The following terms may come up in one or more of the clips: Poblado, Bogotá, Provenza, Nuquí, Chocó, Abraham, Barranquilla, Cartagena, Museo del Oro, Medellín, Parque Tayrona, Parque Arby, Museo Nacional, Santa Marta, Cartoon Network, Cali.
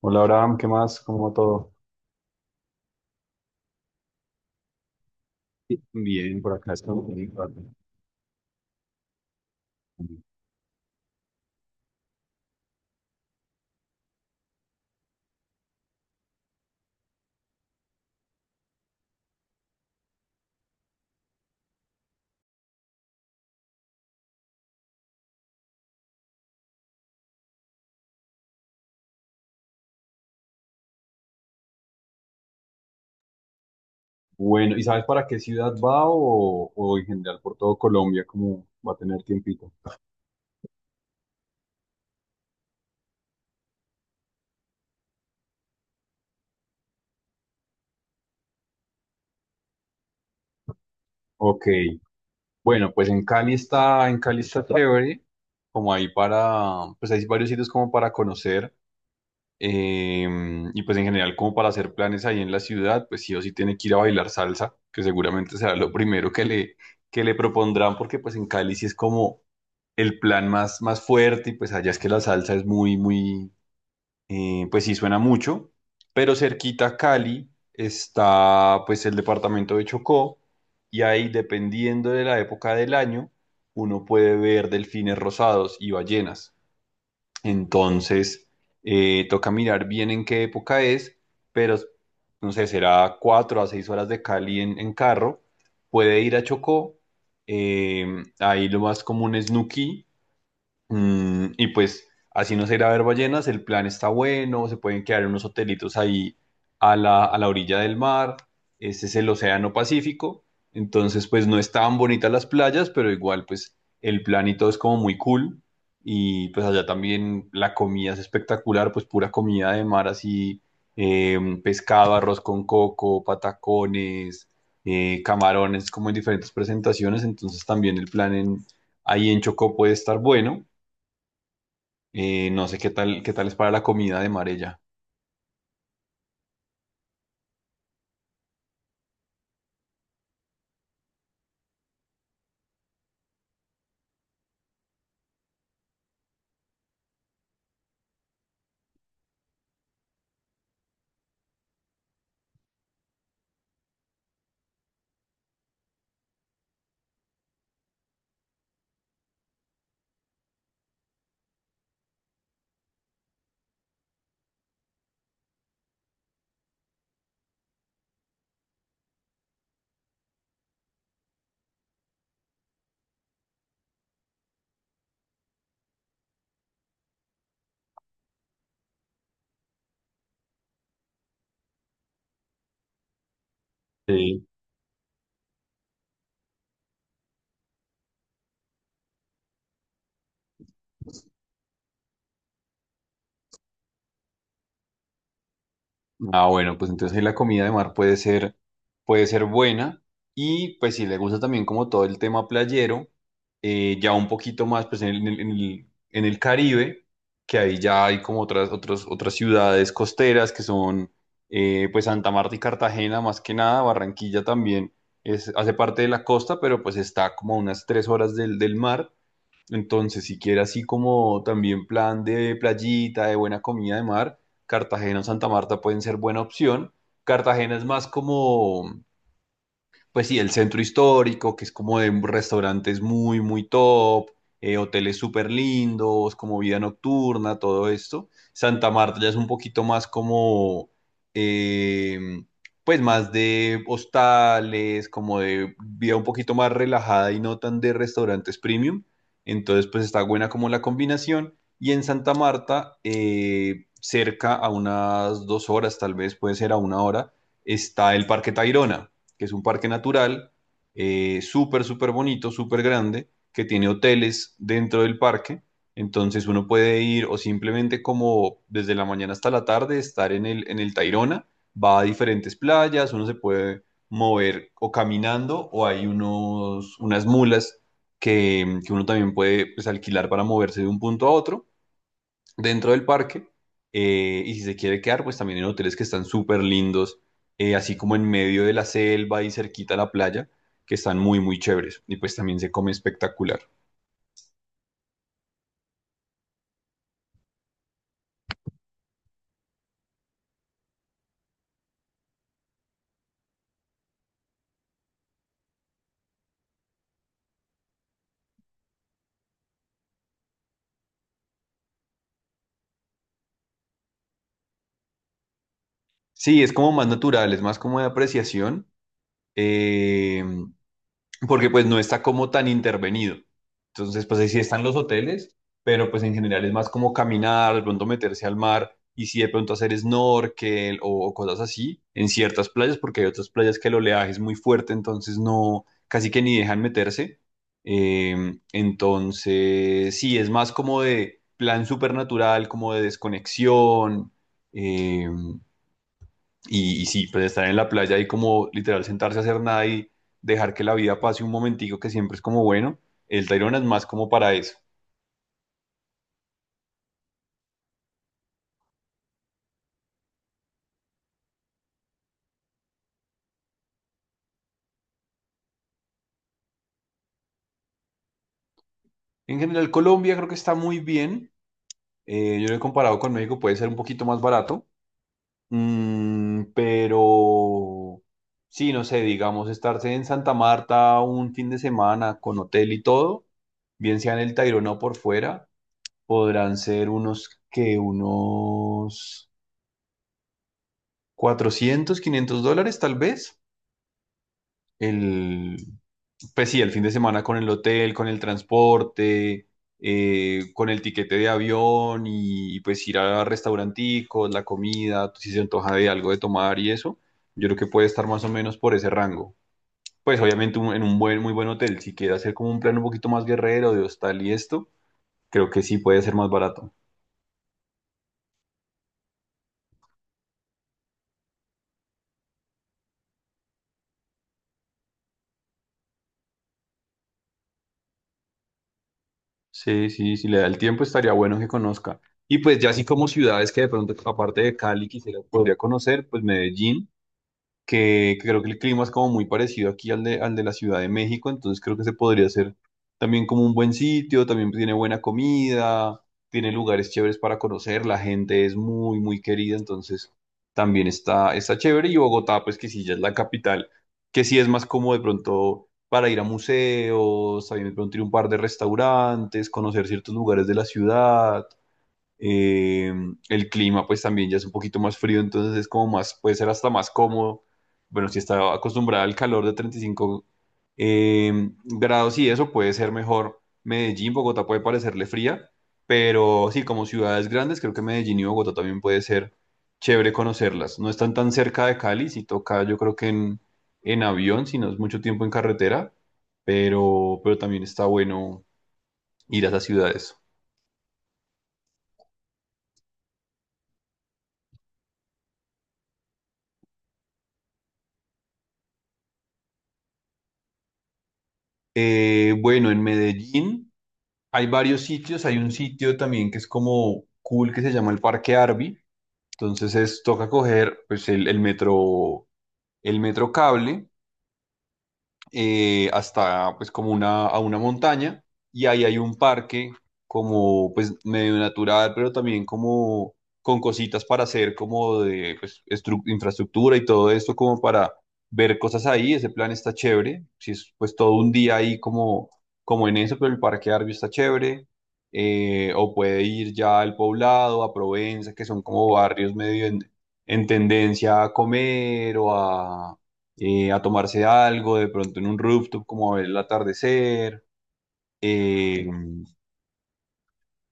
Hola Abraham, ¿qué más? ¿Cómo va todo? Bien, por acá está. Bueno, ¿y sabes para qué ciudad va o en general por todo Colombia, como va a tener tiempito? Ok, bueno, pues en Cali está chévere, como ahí para, pues hay varios sitios como para conocer, eh, y pues en general como para hacer planes ahí en la ciudad, pues sí o sí tiene que ir a bailar salsa, que seguramente será lo primero que le propondrán, porque pues en Cali sí es como el plan más, más fuerte y pues allá es que la salsa es muy, muy, pues sí suena mucho, pero cerquita a Cali está pues el departamento de Chocó y ahí, dependiendo de la época del año, uno puede ver delfines rosados y ballenas. Entonces toca mirar bien en qué época es, pero no sé, será 4 a 6 horas de Cali en carro, puede ir a Chocó. eh, Ahí lo más común es Nuquí. Y pues así no se irá a ver ballenas, el plan está bueno, se pueden quedar en unos hotelitos ahí a la orilla del mar, este es el Océano Pacífico, entonces pues no es tan bonitas las playas, pero igual pues el plan y todo es como muy cool y pues allá también la comida es espectacular, pues pura comida de mar así, pescado, arroz con coco, patacones, camarones como en diferentes presentaciones, entonces también el plan ahí en Chocó puede estar bueno. No sé qué tal es para la comida de mar ella. Sí. Ah, bueno, pues entonces ahí la comida de mar puede ser buena. Y pues si le gusta también como todo el tema playero, ya un poquito más pues en el Caribe, que ahí ya hay como otras ciudades costeras que son pues Santa Marta y Cartagena más que nada. Barranquilla también es, hace parte de la costa, pero pues está como a unas 3 horas del mar. Entonces, si quiere así como también plan de playita, de buena comida de mar, Cartagena o Santa Marta pueden ser buena opción. Cartagena es más como pues sí, el centro histórico, que es como de restaurantes muy, muy top, hoteles súper lindos, como vida nocturna, todo esto. Santa Marta ya es un poquito más como, eh, pues más de hostales, como de vida un poquito más relajada y no tan de restaurantes premium. Entonces, pues está buena como la combinación. Y en Santa Marta, cerca a unas 2 horas, tal vez puede ser a una hora, está el Parque Tayrona, que es un parque natural súper, súper bonito, súper grande, que tiene hoteles dentro del parque. Entonces uno puede ir o simplemente como desde la mañana hasta la tarde estar en el Tayrona, va a diferentes playas, uno se puede mover o caminando o hay unos, unas mulas que uno también puede pues alquilar para moverse de un punto a otro dentro del parque. Y si se quiere quedar, pues también en hoteles que están súper lindos, así como en medio de la selva y cerquita a la playa, que están muy, muy chéveres. Y pues también se come espectacular. Sí, es como más natural, es más como de apreciación. eh, Porque pues no está como tan intervenido. Entonces, pues ahí sí están los hoteles, pero pues en general es más como caminar, de pronto meterse al mar y sí de pronto hacer snorkel o cosas así en ciertas playas, porque hay otras playas que el oleaje es muy fuerte, entonces no, casi que ni dejan meterse. Entonces, sí, es más como de plan supernatural, como de desconexión. em, y, y sí, pues estar en la playa y como literal sentarse a hacer nada y dejar que la vida pase un momentico que siempre es como bueno, el Tayrona es más como para eso. En general, Colombia creo que está muy bien. Yo lo he comparado con México, puede ser un poquito más barato. Pero sí, no sé, digamos, estarse en Santa Marta un fin de semana con hotel y todo, bien sea en el Tayrona o por fuera, podrán ser unos 400 500 dólares tal vez. el, pues sí, el fin de semana con el hotel, con el transporte, con el tiquete de avión y pues ir a restauranticos, la comida, si se antoja de algo de tomar y eso, yo creo que puede estar más o menos por ese rango. Pues obviamente en un muy buen hotel, si quiere hacer como un plan un poquito más guerrero de hostal y esto, creo que sí puede ser más barato. Sí, sí, si le da el tiempo estaría bueno que conozca. Y pues ya así como ciudades que de pronto, aparte de Cali, quisiera, podría conocer, pues Medellín. Que creo que el clima es como muy parecido aquí al de la Ciudad de México, entonces creo que se podría hacer también como un buen sitio, también tiene buena comida, tiene lugares chéveres para conocer, la gente es muy, muy querida, entonces también está chévere. Y Bogotá, pues que sí, ya es la capital, que sí es más como de pronto para ir a museos, también de pronto ir a un par de restaurantes, conocer ciertos lugares de la ciudad. Eh, el clima pues también ya es un poquito más frío, entonces es como más, puede ser hasta más cómodo. Bueno, si está acostumbrada al calor de 35 grados y eso puede ser mejor. Medellín, Bogotá puede parecerle fría, pero sí, como ciudades grandes, creo que Medellín y Bogotá también puede ser chévere conocerlas. No están tan cerca de Cali, si toca yo creo que en avión, si no es mucho tiempo en carretera, pero también está bueno ir a esas ciudades. Bueno, en Medellín hay varios sitios, hay un sitio también que es como cool que se llama el Parque Arby. Entonces es, toca coger pues el metro, el metro cable hasta pues como a una montaña y ahí hay un parque como pues medio natural, pero también como con cositas para hacer como de pues, infraestructura y todo esto como para ver cosas ahí, ese plan está chévere, si es pues todo un día ahí como, como en eso, pero el Parque Arby está chévere. O puede ir ya al Poblado, a Provenza, que son como barrios medio en tendencia a comer o a tomarse algo, de pronto en un rooftop, como a ver el atardecer. eh,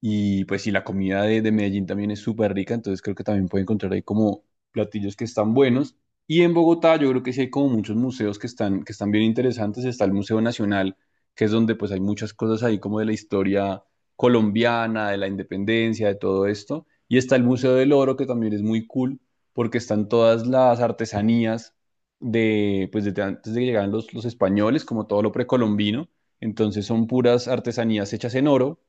y pues sí, la comida de Medellín también es súper rica, entonces creo que también puede encontrar ahí como platillos que están buenos. Y en Bogotá yo creo que sí hay como muchos museos que están, bien interesantes. Está el Museo Nacional, que es donde pues hay muchas cosas ahí como de la historia colombiana, de la independencia, de todo esto. Y está el Museo del Oro, que también es muy cool, porque están todas las artesanías pues desde antes de que llegaran los españoles, como todo lo precolombino. Entonces son puras artesanías hechas en oro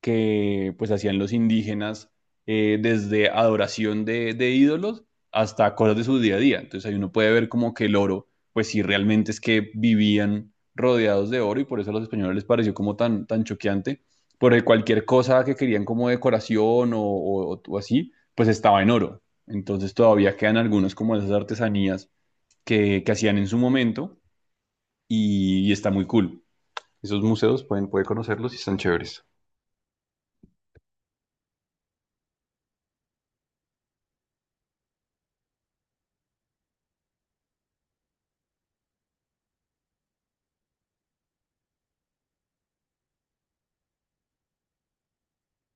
que pues hacían los indígenas desde adoración de ídolos hasta cosas de su día a día. Entonces ahí uno puede ver como que el oro, pues sí, realmente es que vivían rodeados de oro y por eso a los españoles les pareció como tan, tan choqueante, porque cualquier cosa que querían como decoración o así, pues estaba en oro. Entonces todavía quedan algunos como de esas artesanías que hacían en su momento y está muy cool. Esos museos pueden, puede conocerlos y están chéveres.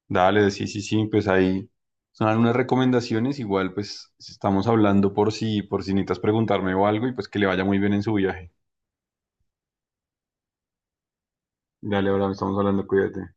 Dale, sí, sí, sí, pues ahí son algunas recomendaciones. Igual, pues si estamos hablando por si necesitas preguntarme o algo y pues que le vaya muy bien en su viaje. Dale, ahora estamos hablando, cuídate.